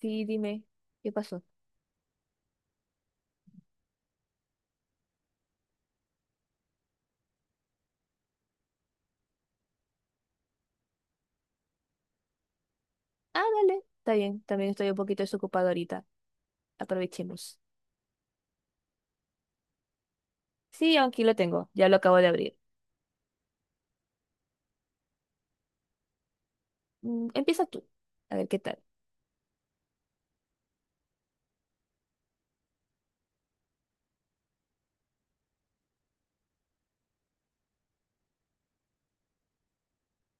Sí, dime, ¿qué pasó? Ah, dale, está bien, también estoy un poquito desocupado ahorita. Aprovechemos. Sí, aquí lo tengo, ya lo acabo de abrir. Empieza tú, a ver qué tal.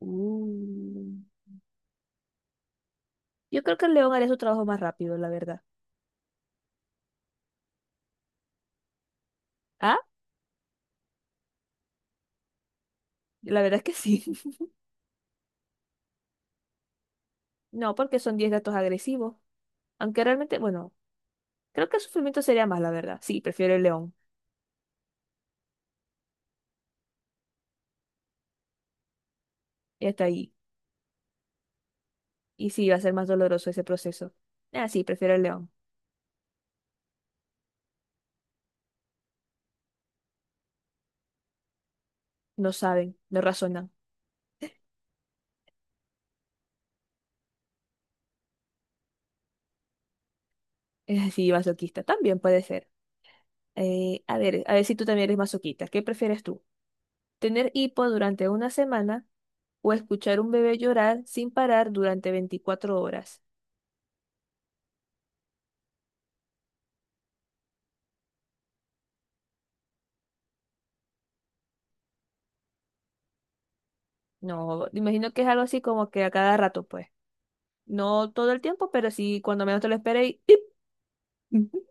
Uh, Yo creo que el león haría su trabajo más rápido, la verdad. Ah, la verdad es que sí. No, porque son 10 gatos agresivos. Aunque realmente, bueno, creo que el sufrimiento sería más, la verdad. Sí, prefiero el león. Ya está ahí. Y sí, va a ser más doloroso ese proceso. Ah, sí, prefiero el león. No saben, no razonan. Es así, masoquista. También puede ser. A ver, a ver si tú también eres masoquista. ¿Qué prefieres tú? ¿Tener hipo durante una semana o escuchar un bebé llorar sin parar durante 24 horas? No, imagino que es algo así como que a cada rato, pues. No todo el tiempo, pero sí cuando menos te lo esperes. Y ¡pip! Ujú.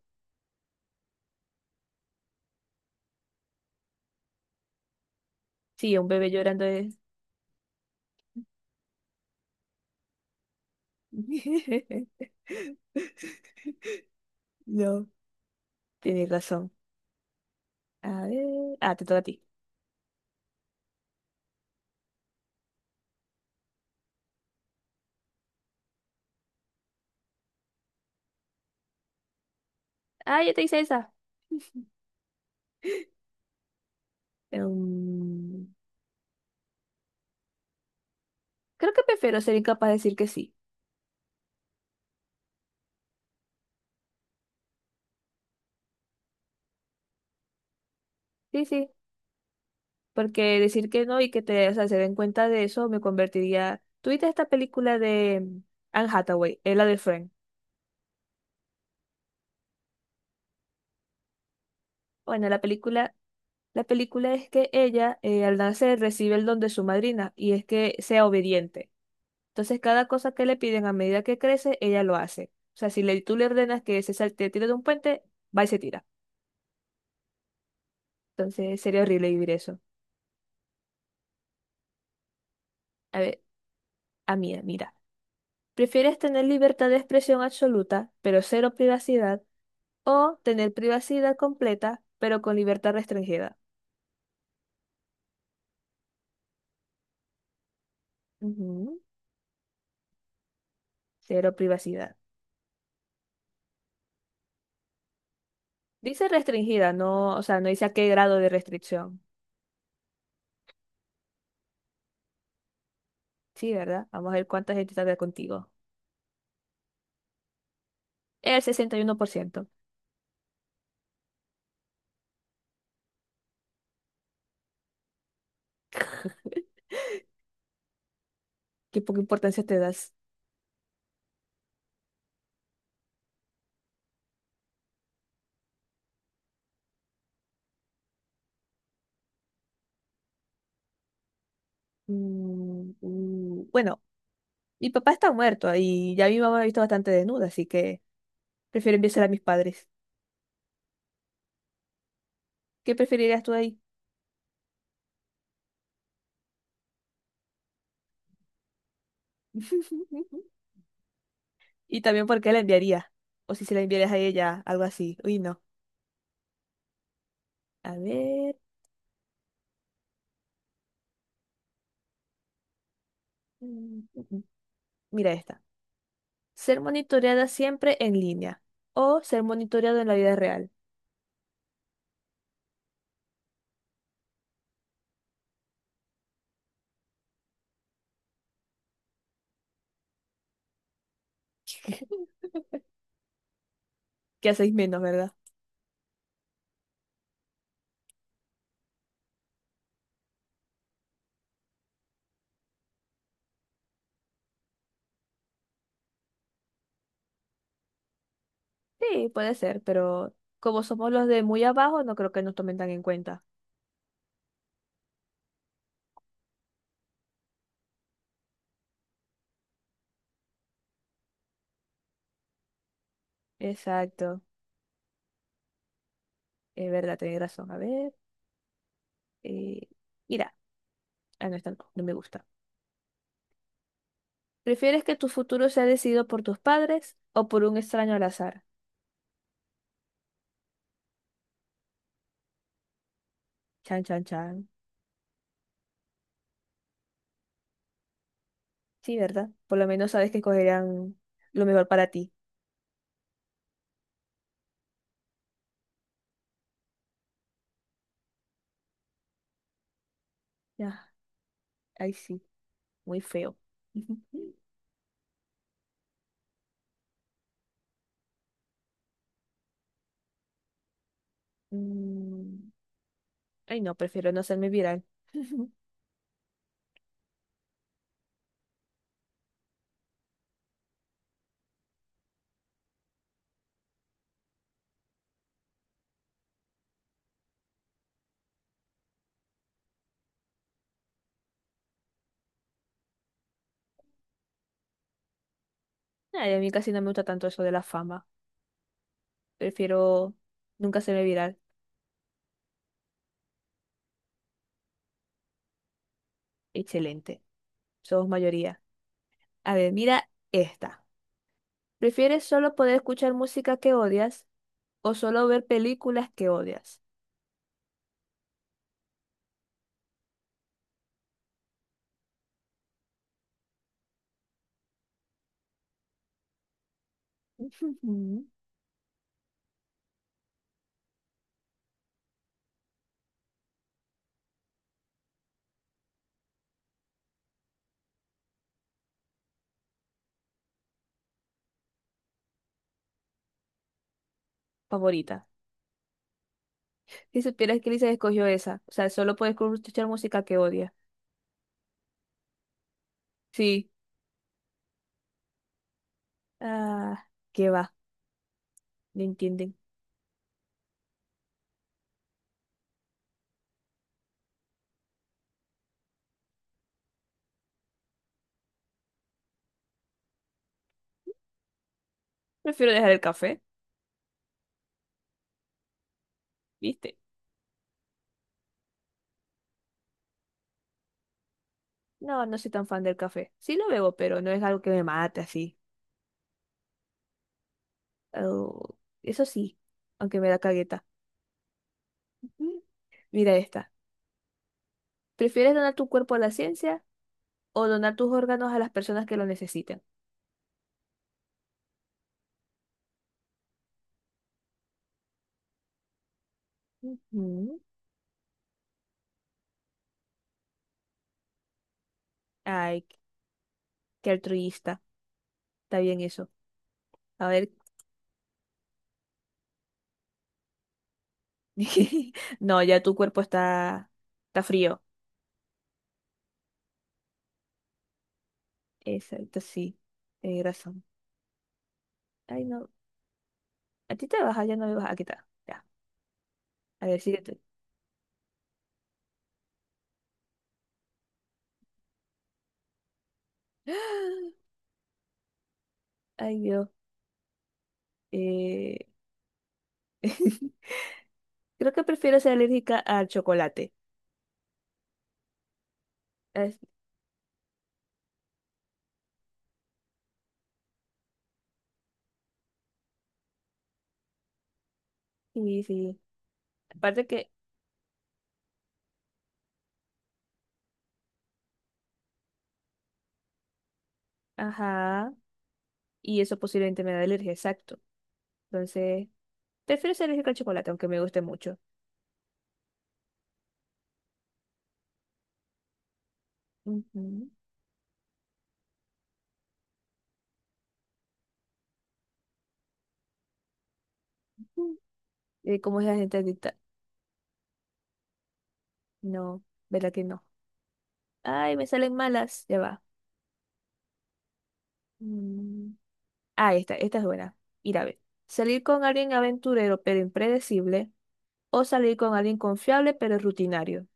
Sí, un bebé llorando es. No, tienes razón. A ver. Ah, te toca a ti. Ah, ya te hice esa. Em, creo que prefiero ser incapaz de decir que sí. Sí, sí. Porque decir que no y que o sea, se den cuenta de eso me convertiría. ¿Tuviste esta película de Anne Hathaway, la de Friend? Bueno, la película es que ella al nacer recibe el don de su madrina y es que sea obediente. Entonces cada cosa que le piden a medida que crece, ella lo hace. O sea, si le, tú le ordenas que se salte, tire de un puente, va y se tira. Entonces sería horrible vivir eso. A ver, a mí, mira. ¿Prefieres tener libertad de expresión absoluta, pero cero privacidad? O tener privacidad completa, pero con libertad restringida. Ujú, cero privacidad. Dice restringida, no, o sea, no dice a qué grado de restricción. Sí, ¿verdad? Vamos a ver cuánta gente está de contigo. El 61%. Qué poca importancia te das. Bueno, mi papá está muerto y ya mi mamá me ha visto bastante desnuda, así que prefiero enviársela a mis padres. ¿Qué preferirías tú ahí? Y también por qué la enviaría. O si se la enviarías a ella, algo así. Uy, no. A ver. Mira esta. Ser monitoreada siempre en línea o ser monitoreado en la vida real. Que hacéis menos, ¿verdad? Sí, puede ser, pero como somos los de muy abajo, no creo que nos tomen tan en cuenta. Exacto. Es verdad, tenéis razón. A ver. eh, Mira, ah, no, esta no, no me gusta. ¿Prefieres que tu futuro sea decidido por tus padres o por un extraño al azar? Chan, chan, chan. Sí, ¿verdad? Por lo menos sabes que escogerán lo mejor para ti. Ya, ahí sí, muy feo. Mm, Ay, no, prefiero no hacerme viral. Ay, a mí casi no me gusta tanto eso de la fama. Prefiero nunca hacerme viral. Excelente. Somos mayoría. A ver, mira esta. ¿Prefieres solo poder escuchar música que odias o solo ver películas que odias? Favorita. Si supieras que Lisa escogió esa. O sea, solo puedes escuchar música que odia. Sí. Ah, qué va. No entienden. Prefiero dejar el café, ¿viste? No, no soy tan fan del café. Sí lo bebo, pero no es algo que me mate así. Oh, eso sí, aunque me da cagueta. Ujú. Mira esta. ¿Prefieres donar tu cuerpo a la ciencia o donar tus órganos a las personas que lo necesiten? Ujú. Ay, qué altruista. Está bien eso. A ver. No, ya tu cuerpo está frío. Exacto, sí. Tienes razón. Ay, no. A ti te baja, ya no me baja. Aquí está. Ya. A ver, síguete. Ay, Dios. Eh, Creo que prefiero ser alérgica al chocolate. Es- Sí, sí. Aparte que, ajá, y eso posiblemente me da alergia, exacto. Entonces, prefiero ser alérgica al chocolate, aunque me guste mucho. Ujú. ¿Cómo es la gente adicta? No, ¿verdad que no? Ay, me salen malas, ya va. Mm. Ah, esta es buena. Ir a ver. Salir con alguien aventurero pero impredecible o salir con alguien confiable pero rutinario.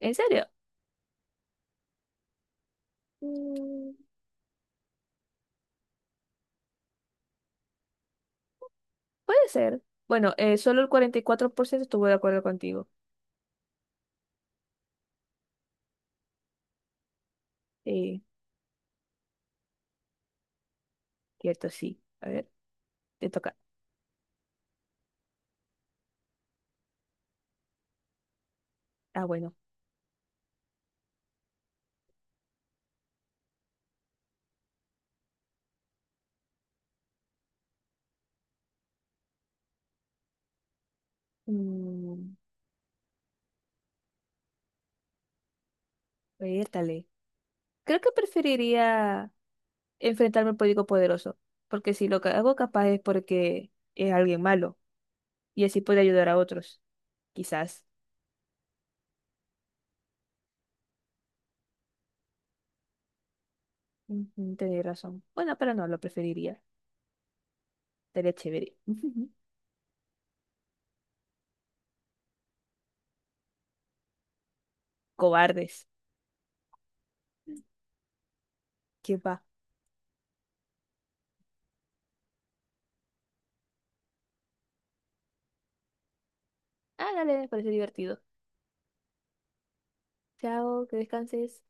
¿En serio? Mm, puede ser. Bueno, solo el 44% estuvo de acuerdo contigo. Eh, cierto, sí. A ver, te toca. Ah, bueno. Mm, Vértale. Creo que preferiría enfrentarme al político poderoso, porque si lo que hago capaz es porque es alguien malo y así puede ayudar a otros, quizás. Ujú, tenéis razón. Bueno, pero no, lo preferiría. Sería chévere. Cobardes. ¿Qué va? Ah, dale, me parece divertido. Chao, que descanses.